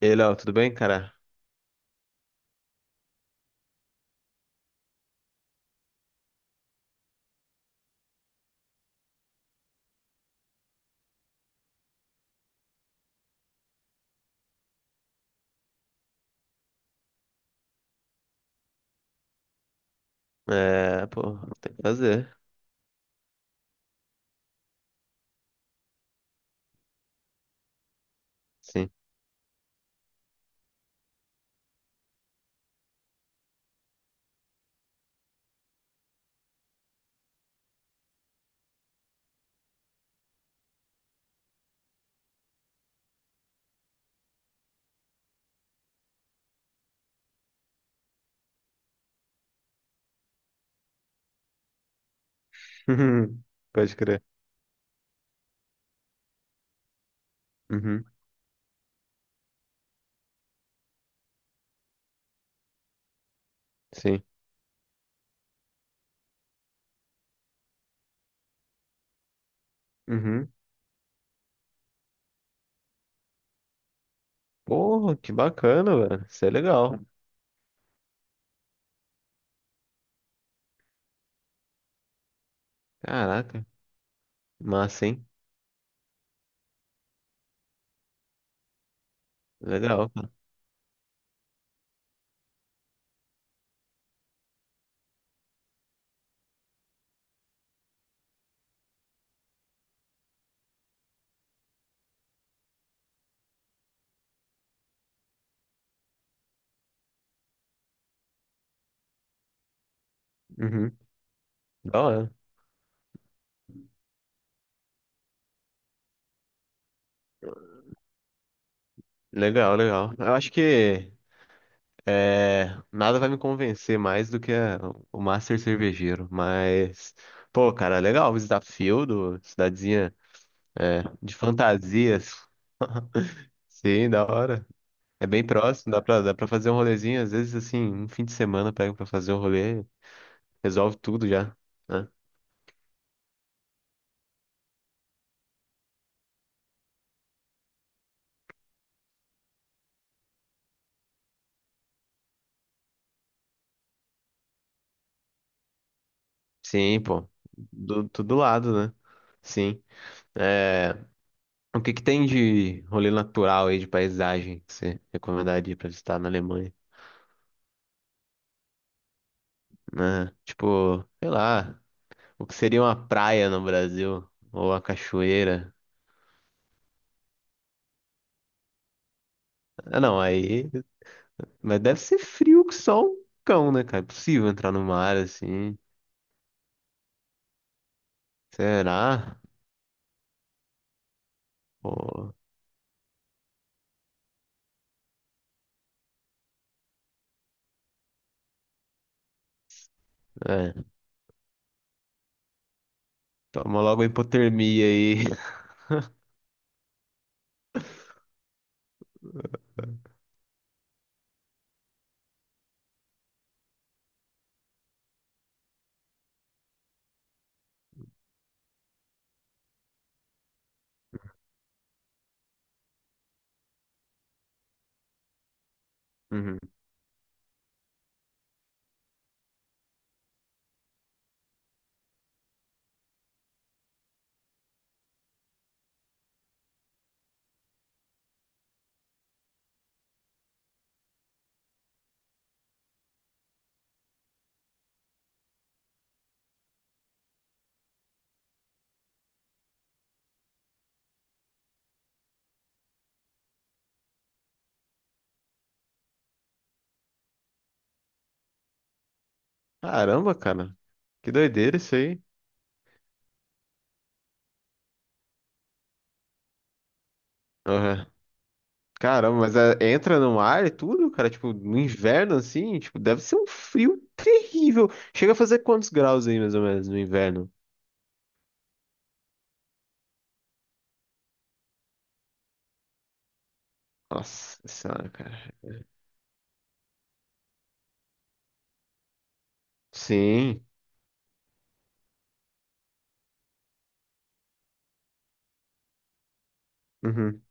E aí, Léo, tudo bem, cara? É, pô, tem que fazer. Sim. Pode crer. Uhum, sim. Uhum. Porra, que bacana, velho. Isso é legal. Caraca. Massa, hein? Legal, cara. Uhum. Da hora. Legal, legal. Eu acho que é, nada vai me convencer mais do que o Master Cervejeiro. Mas, pô, cara, legal. Visitar Fieldo, cidadezinha é, de fantasias. Sim, da hora. É bem próximo, dá pra fazer um rolezinho. Às vezes, assim, um fim de semana pega pra fazer um rolê, resolve tudo já, né? Sim, pô. Do, tudo lado, né? Sim. É, o que que tem de rolê natural aí, de paisagem, que você recomendaria pra visitar na Alemanha? Né? Tipo, sei lá, o que seria uma praia no Brasil? Ou a cachoeira? Ah, não, aí... Mas deve ser frio que só um cão, né, cara? É possível entrar no mar, assim. Será? Pô, é. Toma logo a hipotermia aí. Uhum. Caramba, cara. Que doideira isso aí. Aham. Caramba, mas é, entra no ar e tudo, cara? Tipo, no inverno assim? Tipo, deve ser um frio terrível. Chega a fazer quantos graus aí, mais ou menos, no inverno? Nossa senhora, cara. Sim. Uhum.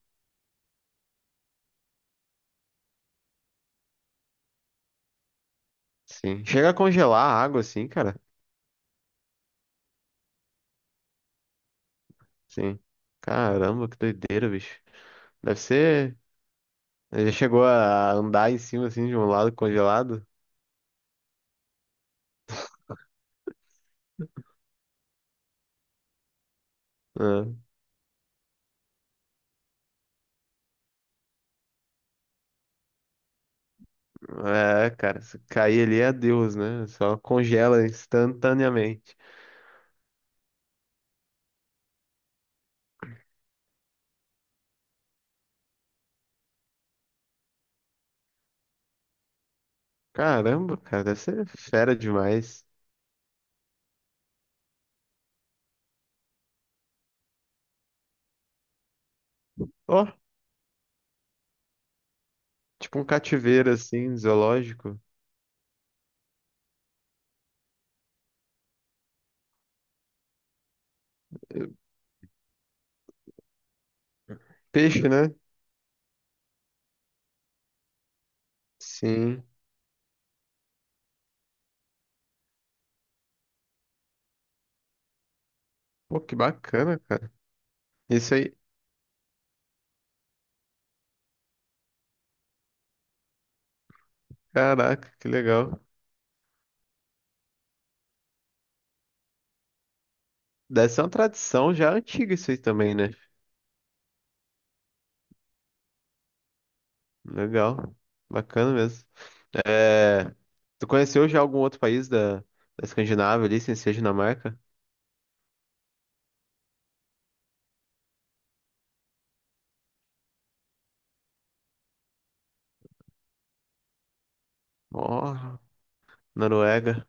Sim. Chega a congelar a água assim, cara? Sim. Caramba, que doideira, bicho. Deve ser. Já chegou a andar em cima assim de um lado congelado? Ah. É, cara, se cair ali é Deus, né? Só congela instantaneamente. Caramba, cara, deve ser fera demais. Ó, tipo um cativeiro assim, zoológico. Peixe, né? Sim. Pô, que bacana, cara. Isso aí, caraca, que legal. Deve ser uma tradição já antiga isso aí também, né? Legal, bacana mesmo. É, tu conheceu já algum outro país da Escandinávia ali, sem ser Dinamarca? Ó, Noruega.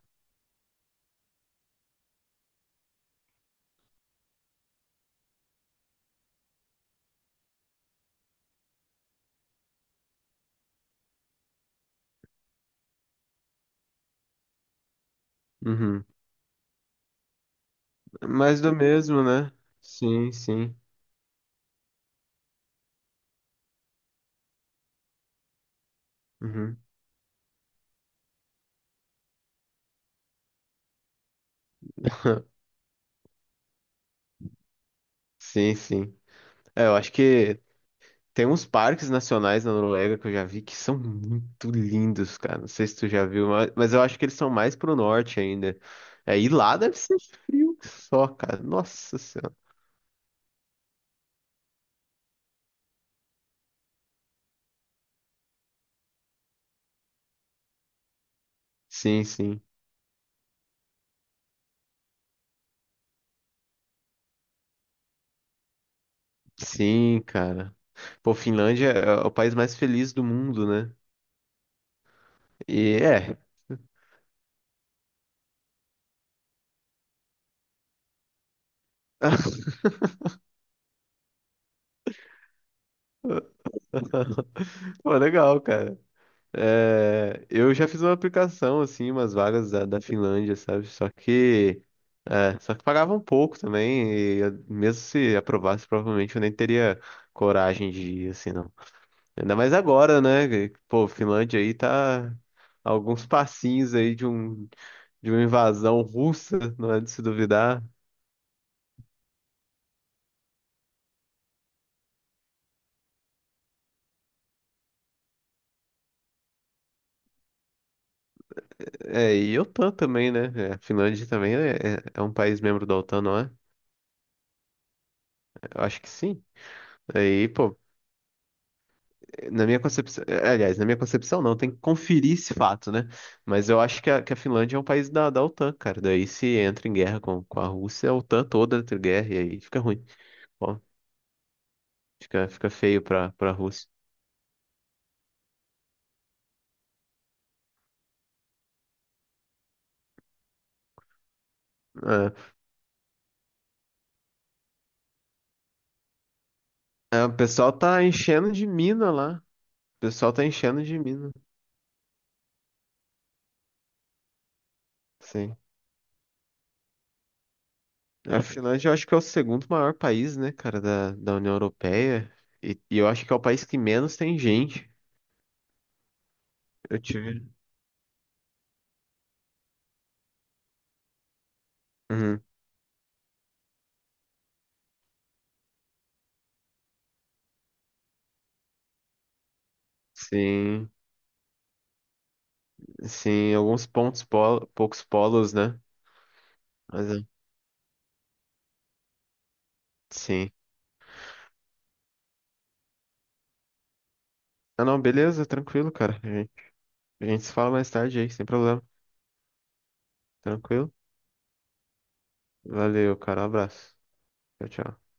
Uhum. Mais do mesmo, né? Sim, sim. Uhum. Sim, sim. É, eu acho que tem uns parques nacionais na Noruega que eu já vi que são muito lindos, cara. Não sei se tu já viu, mas eu acho que eles são mais pro norte ainda. É, e lá deve ser frio que só, cara. Nossa Senhora. Sim, sim. Sim, cara. Pô, Finlândia é o país mais feliz do mundo, né? E é. Pô, legal, cara. É, eu já fiz uma aplicação, assim, umas vagas da Finlândia, sabe? Só que, é, só que pagavam pouco também, e eu- mesmo se aprovasse, provavelmente eu nem teria coragem de ir, assim, não. Ainda mais agora, Pô, Finlândia aí tá a alguns passinhos aí de um, de uma invasão russa, não é de se duvidar. É, e a OTAN também, né? É, a Finlândia também é, é um país membro da OTAN, não é? Eu acho que sim. Aí, pô, na minha concepção, aliás, na minha concepção não, tem que conferir esse fato, né? Mas eu acho que a Finlândia é um país da OTAN, cara. Daí se entra em guerra com a Rússia, a OTAN toda entra em guerra e aí fica ruim. Bom, fica feio pra, pra Rússia. É. É, o pessoal tá enchendo de mina lá. O pessoal tá enchendo de mina. Sim. A Finlândia eu acho que é o segundo maior país, né, cara, da União Europeia. E, eu acho que é o país que menos tem gente. Eu tive. Uhum. Sim. Sim, alguns pontos, polo, poucos polos, né? Mas é, sim. Ah, não, beleza, tranquilo, cara. A gente se fala mais tarde aí, sem problema. Tranquilo? Valeu, cara, um abraço. Tchau, tchau.